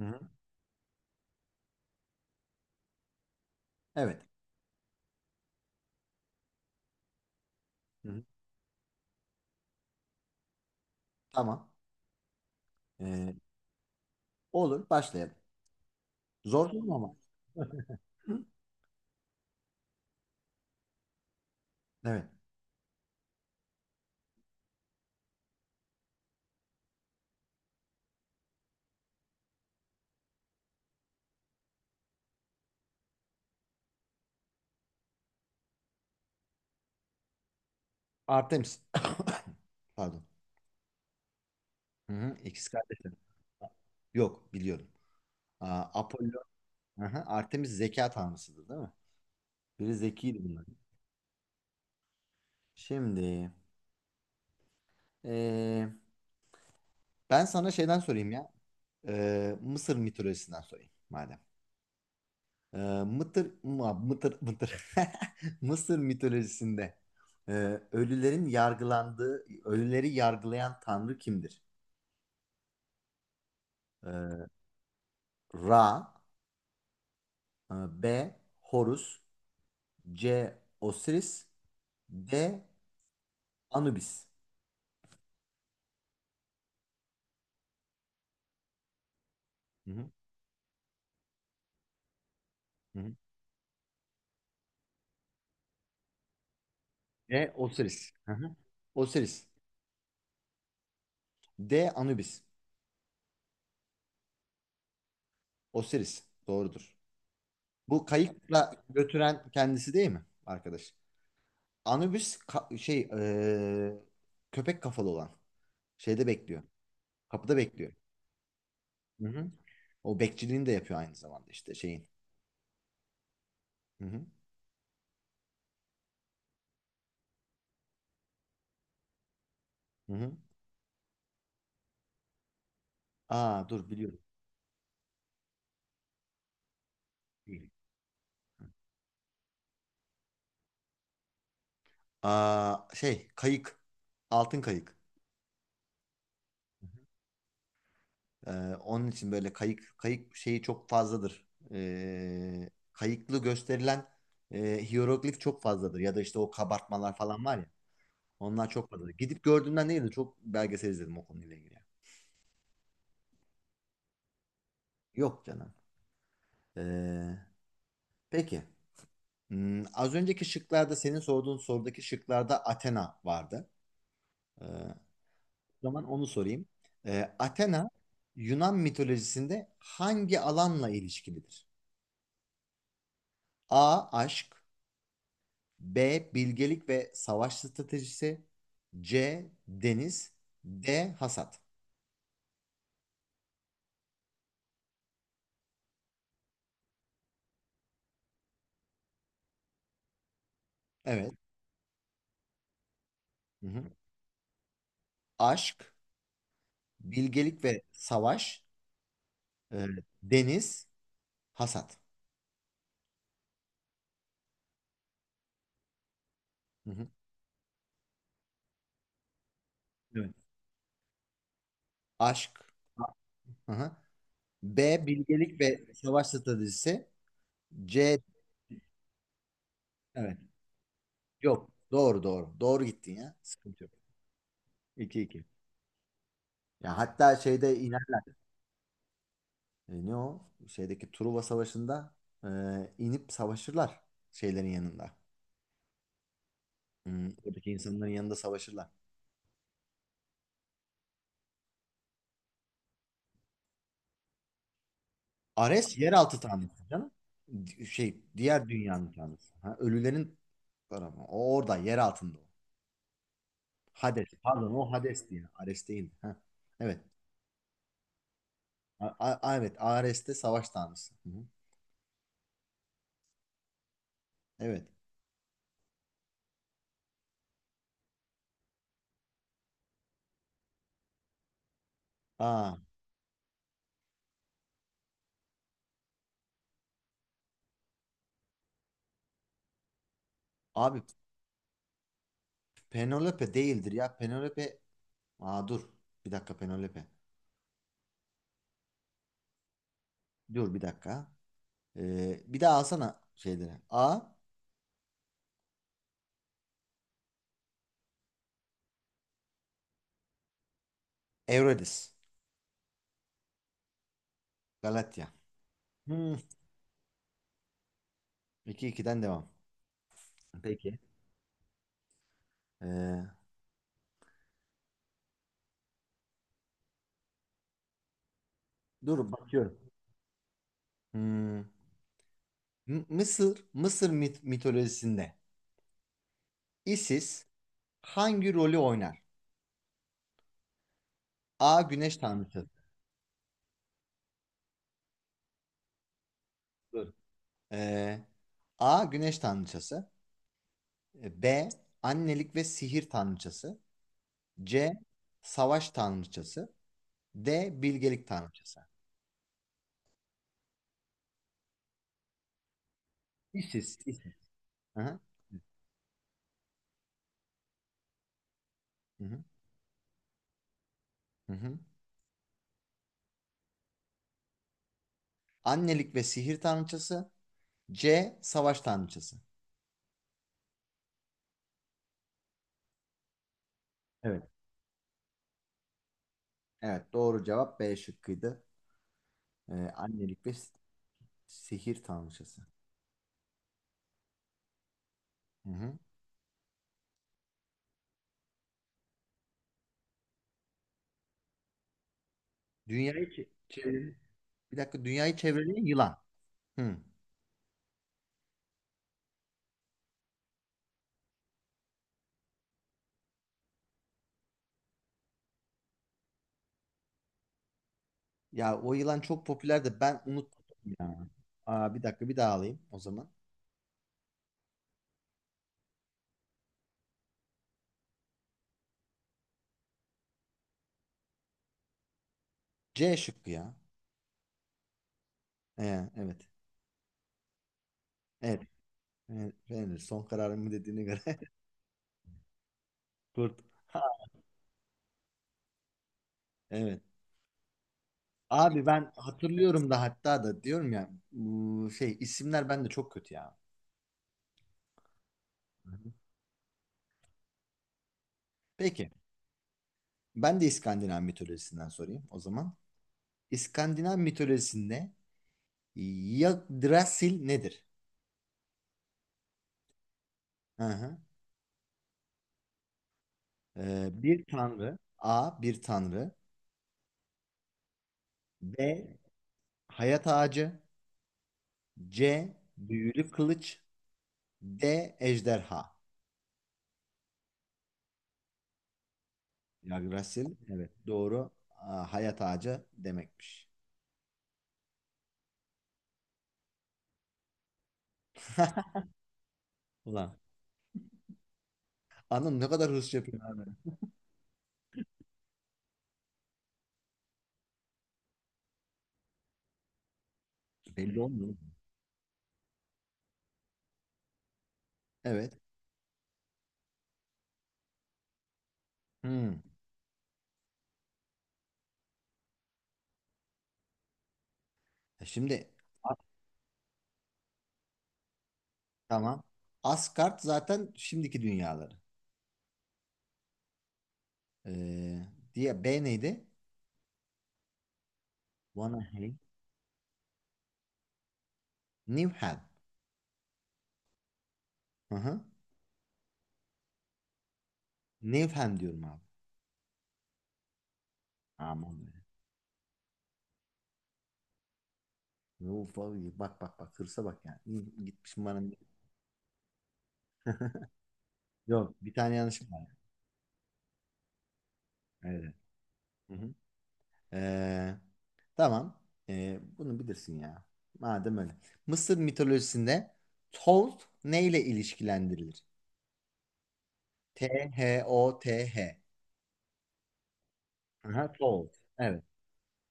Hı hı. Evet. Hı hı. Tamam. Ee, olur. Başlayalım. Zor değil mi ama? Evet. Artemis. Pardon. Hı hı. İkiz kardeşim. Yok biliyorum. Aa, Apollo. Hı hı. Artemis zeka tanrısıdır değil mi? Biri zekiydi bunların. Şimdi ee, ben sana şeyden sorayım ya. Mısır mitolojisinden sorayım madem. Ee, Mıtır. Mısır mitolojisinde e, ölülerin yargılandığı, ölüleri yargılayan tanrı kimdir? Ee, Ra, e, B. Horus, C. Osiris, D. Anubis. Hı hı, hı hı. D. Osiris. Hı hı. Osiris. D. Anubis. Osiris. Doğrudur. Bu kayıkla götüren kendisi değil mi arkadaş? Anubis köpek kafalı olan. Şeyde bekliyor. Kapıda bekliyor. Hı hı. O bekçiliğini de yapıyor aynı zamanda işte şeyin. Hı hı. Hı hı. Aa, dur biliyorum. Değil. Aa, şey kayık. Altın kayık. Onun için böyle kayık kayık şeyi çok fazladır. Kayıklı gösterilen hiyeroglif çok fazladır. Ya da işte o kabartmalar falan var ya. Onlar çok fazladır. Gidip gördüğümden değil de çok belgesel izledim o konuyla ilgili. Yok canım. Ee, peki. Az önceki şıklarda senin sorduğun sorudaki şıklarda Athena vardı. O zaman onu sorayım. Athena Yunan mitolojisinde hangi alanla ilişkilidir? A. Aşk. B. Bilgelik ve savaş stratejisi. C. Deniz. D. Hasat. Evet. Hı hı. Aşk, bilgelik ve savaş, e, deniz, hasat. Hı hı. Evet. Aşk. Hı hı. B. Bilgelik ve savaş stratejisi. C. Evet. Yok. Doğru doğru. Doğru gittin ya. Sıkıntı yok. İki iki. Ya hatta şeyde inerler. Ne o? Şeydeki Truva Savaşı'nda e, inip savaşırlar şeylerin yanında. Oradaki insanların yanında savaşırlar. Ares yeraltı tanrısı canım. Diğer dünyanın tanrısı. Ha, ölülerin tarafı. O orada yer altında o. Hades. Pardon o Hades diye. Ares değil. Ha, evet. Evet, Ares'te savaş tanrısı. Hı hı. Evet. Aa, abi, Penelope değildir ya. Penelope. Aa, dur. Bir dakika Penelope. Dur bir dakika. Bir daha alsana şeyleri. A. Eurydice. Galatya. Hmm. 2-2'den devam. Peki. Ee, dur bakıyorum. Hmm. Mısır mitolojisinde Isis hangi rolü oynar? A. Güneş tanrıçası. Dur. Ee, A. Güneş tanrıçası. B. Annelik ve sihir tanrıçası. C. Savaş tanrıçası. D. Bilgelik tanrıçası. İsis. İsis. Hı hı. Hı hı. Hı hı. Annelik ve sihir tanrıçası. C. Savaş tanrıçası. Evet. Evet. Doğru cevap B şıkkıydı. Annelik ve sihir tanrıçası. Hı hı. Dünyayı çeviren, bir dakika dünyayı çeviren yılan. Hı. Ya o yılan çok popüler de ben unuttum ya. Aa, bir dakika bir daha alayım o zaman. C şıkkı ya. Evet. Evet. Evet. Beğenir. Son kararımı dediğine göre. Kurt. Evet. Abi ben hatırlıyorum da hatta da diyorum ya bu şey isimler bende çok kötü ya. Hı hı. Peki, ben de İskandinav mitolojisinden sorayım o zaman. İskandinav mitolojisinde Yggdrasil nedir? Hı hı. Bir tanrı. A. Bir tanrı. B. Hayat ağacı. C. Büyülü kılıç. D. Ejderha. Yggdrasil evet doğru. Aa, hayat ağacı demekmiş. Ulan anam ne kadar hızlı yapıyor abi. Belli olmuyor. Evet. Hmm. Şimdi A- tamam. Asgard zaten şimdiki dünyaları. Ee, diye B neydi? Vanaheim. Niflheim. Hı hı. Niflheim diyorum abi. Aman be. Uf, abi, bak bak bak hırsa bak yani. İyi, gitmişim bana. Yok, bir tane yanlışım var. Evet. Hı hı. Ee, tamam. Bunu bilirsin ya. Madem öyle. Mısır mitolojisinde Thoth neyle ilişkilendirilir? Thoth. Aha, Thoth. Evet.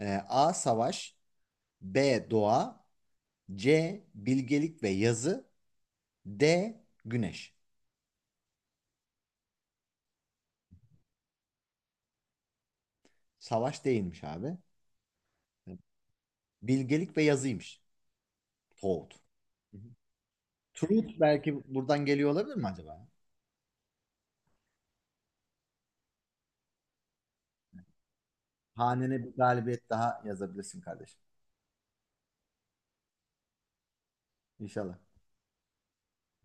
A. Savaş. B. Doğa. C. Bilgelik ve yazı. D. Güneş. Savaş değilmiş abi. Bilgelik ve yazıymış. Toad. Hı hı. Truth belki buradan geliyor olabilir mi acaba? Hanene bir galibiyet daha yazabilirsin kardeşim. İnşallah.